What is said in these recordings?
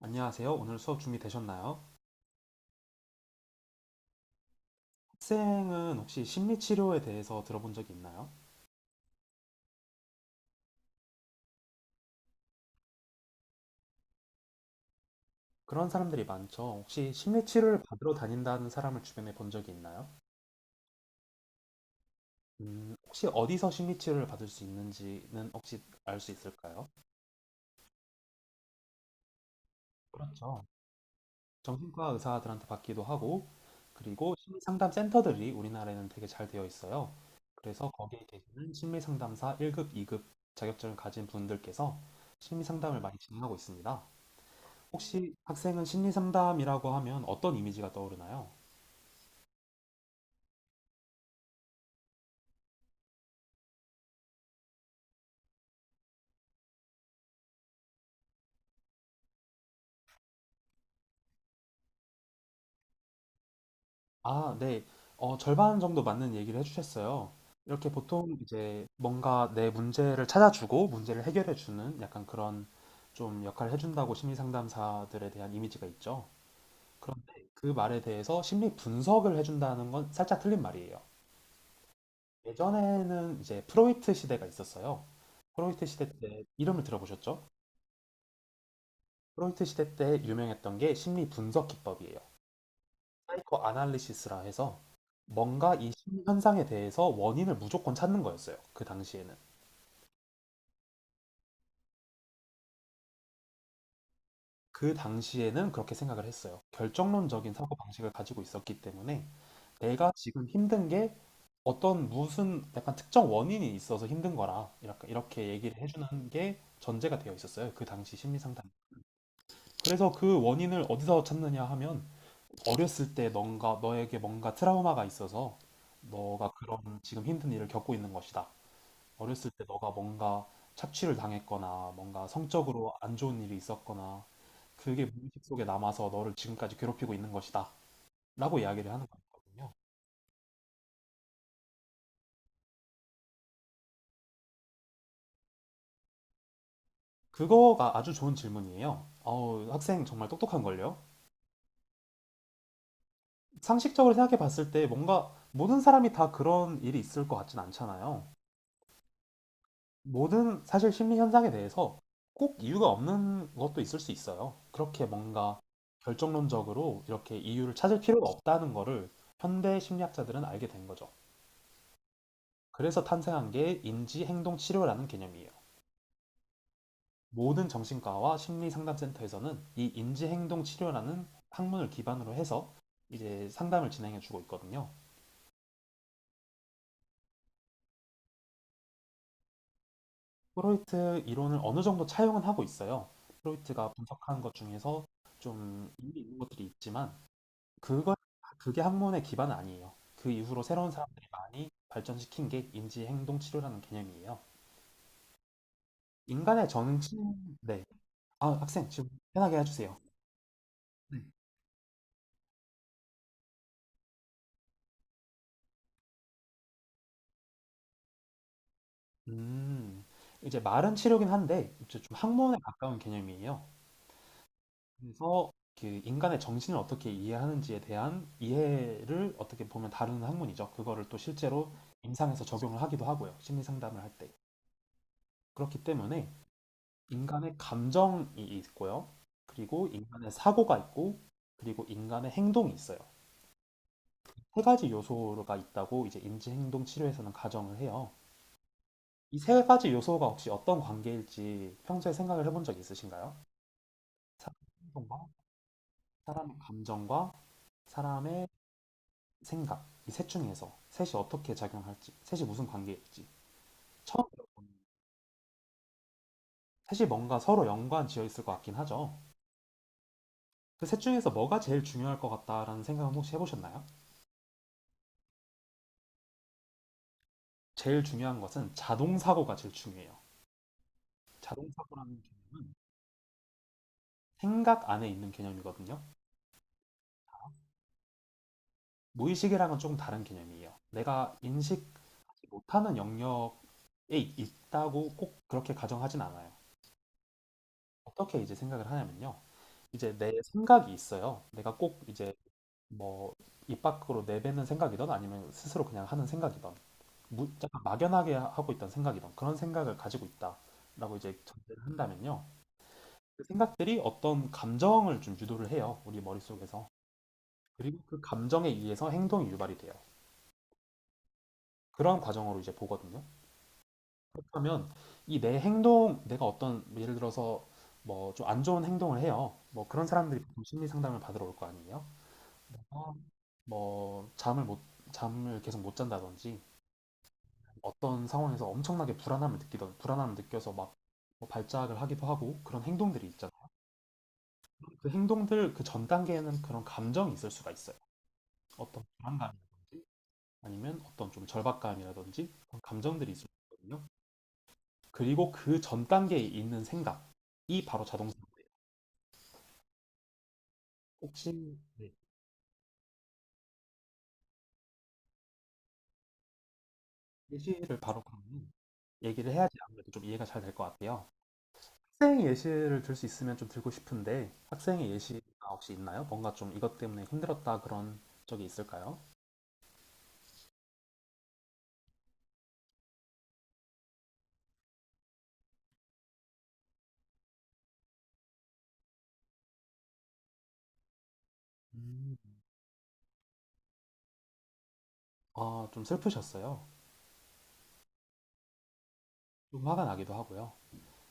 안녕하세요. 오늘 수업 준비되셨나요? 학생은 혹시 심리치료에 대해서 들어본 적이 있나요? 그런 사람들이 많죠. 혹시 심리치료를 받으러 다닌다는 사람을 주변에 본 적이 있나요? 혹시 어디서 심리치료를 받을 수 있는지는 혹시 알 수 있을까요? 그렇죠. 정신과 의사들한테 받기도 하고, 그리고 심리상담센터들이 우리나라에는 되게 잘 되어 있어요. 그래서 거기에 계시는 심리상담사 1급, 2급 자격증을 가진 분들께서 심리상담을 많이 진행하고 있습니다. 혹시 학생은 심리 상담이라고 하면 어떤 이미지가 떠오르나요? 아, 네. 절반 정도 맞는 얘기를 해주셨어요. 이렇게 보통 이제 뭔가 내 문제를 찾아주고 문제를 해결해주는 약간 그런 좀 역할을 해준다고 심리 상담사들에 대한 이미지가 있죠. 그런데 그 말에 대해서 심리 분석을 해준다는 건 살짝 틀린 말이에요. 예전에는 이제 프로이트 시대가 있었어요. 프로이트 시대 때 이름을 들어보셨죠? 프로이트 시대 때 유명했던 게 심리 분석 기법이에요. 그 아날리시스라 해서 뭔가 이 심리 현상에 대해서 원인을 무조건 찾는 거였어요. 그 당시에는. 그 당시에는 그렇게 생각을 했어요. 결정론적인 사고 방식을 가지고 있었기 때문에 내가 지금 힘든 게 어떤 무슨 약간 특정 원인이 있어서 힘든 거라 이렇게 얘기를 해주는 게 전제가 되어 있었어요. 그 당시 심리 상담. 그래서 그 원인을 어디서 찾느냐 하면 어렸을 때 뭔가 너에게 뭔가 트라우마가 있어서 너가 그런 지금 힘든 일을 겪고 있는 것이다. 어렸을 때 너가 뭔가 착취를 당했거나 뭔가 성적으로 안 좋은 일이 있었거나 그게 무의식 속에 남아서 너를 지금까지 괴롭히고 있는 것이다. 라고 이야기를 하는 거거든요. 그거가 아주 좋은 질문이에요. 어우, 학생 정말 똑똑한걸요? 상식적으로 생각해 봤을 때 뭔가 모든 사람이 다 그런 일이 있을 것 같진 않잖아요. 모든 사실 심리 현상에 대해서 꼭 이유가 없는 것도 있을 수 있어요. 그렇게 뭔가 결정론적으로 이렇게 이유를 찾을 필요가 없다는 거를 현대 심리학자들은 알게 된 거죠. 그래서 탄생한 게 인지 행동 치료라는 개념이에요. 모든 정신과와 심리 상담센터에서는 이 인지 행동 치료라는 학문을 기반으로 해서 이제 상담을 진행해 주고 있거든요. 프로이트 이론을 어느 정도 차용은 하고 있어요. 프로이트가 분석한 것 중에서 좀 의미 있는 것들이 있지만 그걸 그게 학문의 기반은 아니에요. 그 이후로 새로운 사람들이 많이 발전시킨 게 인지 행동 치료라는 개념이에요. 인간의 정신, 네. 아, 학생 지금 편하게 해주세요. 네. 음, 이제 말은 치료긴 한데 이제 좀 학문에 가까운 개념이에요. 그래서 그 인간의 정신을 어떻게 이해하는지에 대한 이해를 어떻게 보면 다루는 학문이죠. 그거를 또 실제로 임상에서 적용을 하기도 하고요. 심리 상담을 할 때. 그렇기 때문에 인간의 감정이 있고요. 그리고 인간의 사고가 있고, 그리고 인간의 행동이 있어요. 세 가지 요소가 있다고 이제 인지행동 치료에서는 가정을 해요. 이 세 가지 요소가 혹시 어떤 관계일지 평소에 생각을 해본 적 있으신가요? 사람의 행동과 사람의 감정과 사람의 생각, 이 셋 중에서 셋이 어떻게 작용할지, 셋이 무슨 관계일지. 처음 셋이 뭔가 서로 연관 지어 있을 것 같긴 하죠. 그 셋 중에서 뭐가 제일 중요할 것 같다라는 생각은 혹시 해보셨나요? 제일 중요한 것은 자동 사고가 제일 중요해요. 자동 사고라는 개념은 생각 안에 있는 개념이거든요. 무의식이랑은 조금 다른 개념이에요. 내가 인식하지 못하는 영역에 있다고 꼭 그렇게 가정하진 않아요. 어떻게 이제 생각을 하냐면요. 이제 내 생각이 있어요. 내가 꼭 이제 뭐 입 밖으로 내뱉는 생각이든 아니면 스스로 그냥 하는 생각이든 약간 막연하게 하고 있던 생각이든 그런 생각을 가지고 있다라고 이제 전제를 한다면요. 그 생각들이 어떤 감정을 좀 유도를 해요. 우리 머릿속에서. 그리고 그 감정에 의해서 행동이 유발이 돼요. 그런 과정으로 이제 보거든요. 그렇다면 이 내 행동, 내가 어떤 예를 들어서 뭐 좀 안 좋은 행동을 해요. 뭐 그런 사람들이 보통 심리 상담을 받으러 올 거 아니에요. 어, 뭐 잠을 계속 못 잔다든지 어떤 상황에서 엄청나게 불안함을 느끼던 불안함을 느껴서 막뭐 발작을 하기도 하고 그런 행동들이 있잖아요. 그 행동들 그 전 단계에는 그런 감정이 있을 수가 있어요. 어떤 불안감이라든지 아니면 어떤 좀 절박감이라든지 그런 감정들이 있을 수 있거든요. 그리고 그 전 단계에 있는 생각이 바로 자동사고예요. 혹시 네, 예시를 바로 그러면 얘기를 해야지 아무래도 좀 이해가 잘 될 것 같아요. 학생 예시를 들 수 있으면 좀 들고 싶은데 학생의 예시가 혹시 있나요? 뭔가 좀 이것 때문에 힘들었다 그런 적이 있을까요? 음. 아, 좀 슬프셨어요. 좀 화가 나기도 하고요.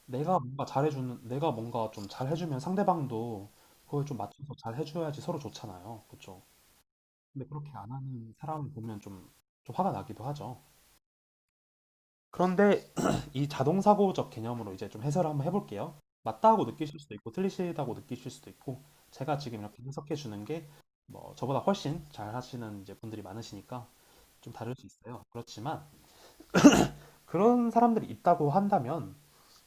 내가 뭔가 잘해주는, 내가 뭔가 좀 잘해주면 상대방도 그걸 좀 맞춰서 잘해줘야지 서로 좋잖아요. 그쵸? 근데 그렇게 안 하는 사람을 보면 좀, 좀 화가 나기도 하죠. 그런데 이 자동사고적 개념으로 이제 좀 해설을 한번 해볼게요. 맞다고 느끼실 수도 있고 틀리시다고 느끼실 수도 있고 제가 지금 이렇게 해석해 주는 게 뭐 저보다 훨씬 잘 하시는 이제 분들이 많으시니까 좀 다를 수 있어요. 그렇지만 그런 사람들이 있다고 한다면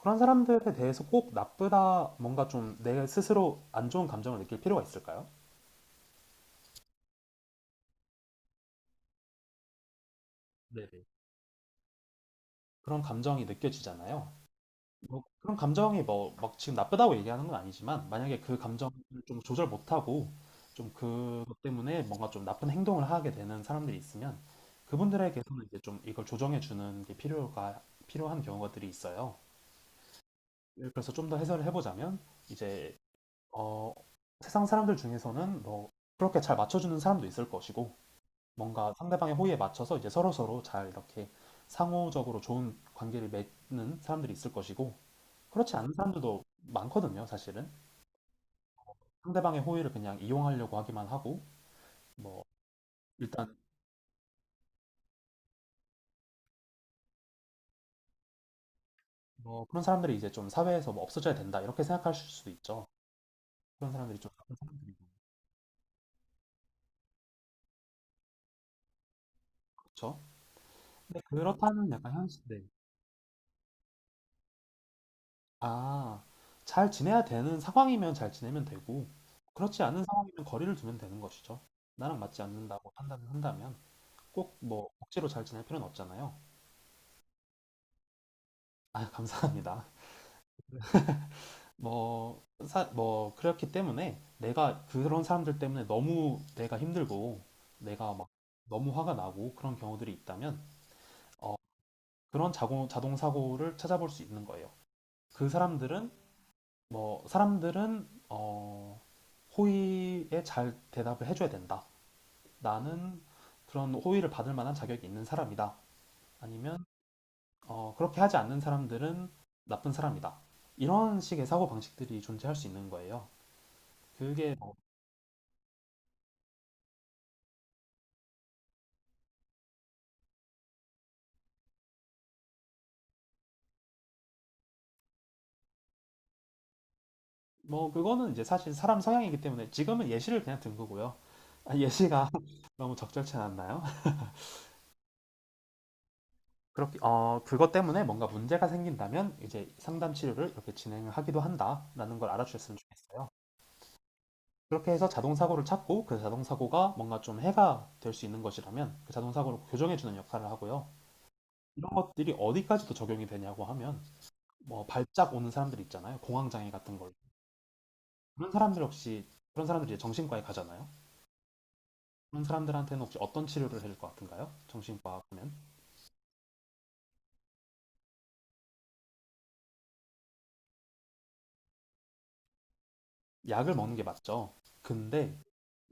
그런 사람들에 대해서 꼭 나쁘다 뭔가 좀 내 스스로 안 좋은 감정을 느낄 필요가 있을까요? 네네. 그런 감정이 느껴지잖아요. 뭐 그런 감정이 뭐 막 지금 나쁘다고 얘기하는 건 아니지만 만약에 그 감정을 좀 조절 못하고 좀 그것 때문에 뭔가 좀 나쁜 행동을 하게 되는 사람들이 있으면 그분들에게서는 이제 좀 이걸 조정해 주는 게 필요가 필요한 경우들이 있어요. 그래서 좀 더 해설을 해보자면 이제 어, 세상 사람들 중에서는 뭐 그렇게 잘 맞춰주는 사람도 있을 것이고 뭔가 상대방의 호의에 맞춰서 이제 서로서로 잘 이렇게 상호적으로 좋은 관계를 맺는 사람들이 있을 것이고 그렇지 않은 사람들도 많거든요, 사실은. 상대방의 호의를 그냥 이용하려고 하기만 하고, 뭐, 일단, 뭐, 그런 사람들이 이제 좀 사회에서 뭐 없어져야 된다, 이렇게 생각하실 수도 있죠. 그런 사람들이 좀 나쁜 사람들이고, 그렇죠? 근데 그렇다는 약간 현실, 네. 아, 잘 지내야 되는 상황이면 잘 지내면 되고, 그렇지 않은 상황이면 거리를 두면 되는 것이죠. 나랑 맞지 않는다고 판단을 한다면, 꼭 뭐, 억지로 잘 지낼 필요는 없잖아요. 아, 감사합니다. 뭐, 사, 뭐, 그렇기 때문에 내가 그런 사람들 때문에 너무 내가 힘들고 내가 막 너무 화가 나고 그런 경우들이 있다면 어, 그런 자동 사고를 찾아볼 수 있는 거예요. 그 사람들은 뭐, 사람들은 호의에 잘 대답을 해줘야 된다. 나는 그런 호의를 받을 만한 자격이 있는 사람이다. 아니면 그렇게 하지 않는 사람들은 나쁜 사람이다. 이런 식의 사고 방식들이 존재할 수 있는 거예요. 그게 뭐 그거는 이제 사실 사람 성향이기 때문에 지금은 예시를 그냥 든 거고요. 아, 예시가 너무 적절치 않았나요? 그렇게 어 그것 때문에 뭔가 문제가 생긴다면 이제 상담 치료를 이렇게 진행하기도 한다라는 걸 알아주셨으면 좋겠어요. 그렇게 해서 자동 사고를 찾고 그 자동 사고가 뭔가 좀 해가 될 수 있는 것이라면 그 자동 사고를 교정해 주는 역할을 하고요. 이런 것들이 어디까지도 적용이 되냐고 하면 뭐 발작 오는 사람들 있잖아요. 공황 장애 같은 걸. 그런 사람들 역시 그런 사람들이 이제 정신과에 가잖아요. 그런 사람들한테는 혹시 어떤 치료를 해줄 것 같은가요? 정신과 보면 약을 먹는 게 맞죠. 근데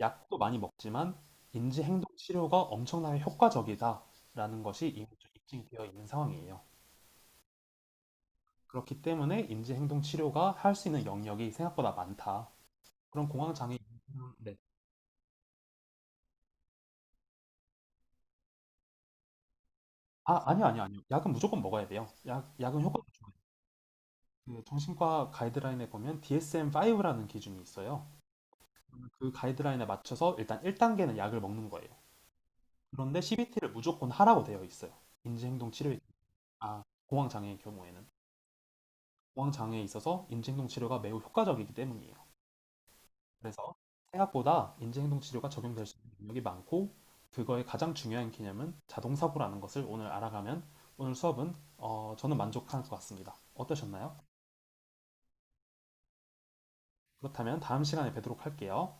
약도 많이 먹지만 인지 행동 치료가 엄청나게 효과적이다라는 것이 이미 좀 입증되어 있는 상황이에요. 그렇기 때문에 인지 행동 치료가 할 수 있는 영역이 생각보다 많다. 그런 공황 장애 네. 아, 아니요. 약은 무조건 먹어야 돼요. 약은 효과가 좋아요. 그 정신과 가이드라인에 보면 DSM-5라는 기준이 있어요. 그 가이드라인에 맞춰서 일단 1단계는 약을 먹는 거예요. 그런데 CBT를 무조건 하라고 되어 있어요. 인지행동 치료, 아, 공황장애의 경우에는. 공황장애에 있어서 인지행동 치료가 매우 효과적이기 때문이에요. 그래서 생각보다 인지행동 치료가 적용될 수 있는 능력이 많고, 그거의 가장 중요한 개념은 자동사고라는 것을 오늘 알아가면 오늘 수업은 저는 만족한 것 같습니다. 어떠셨나요? 그렇다면 다음 시간에 뵙도록 할게요.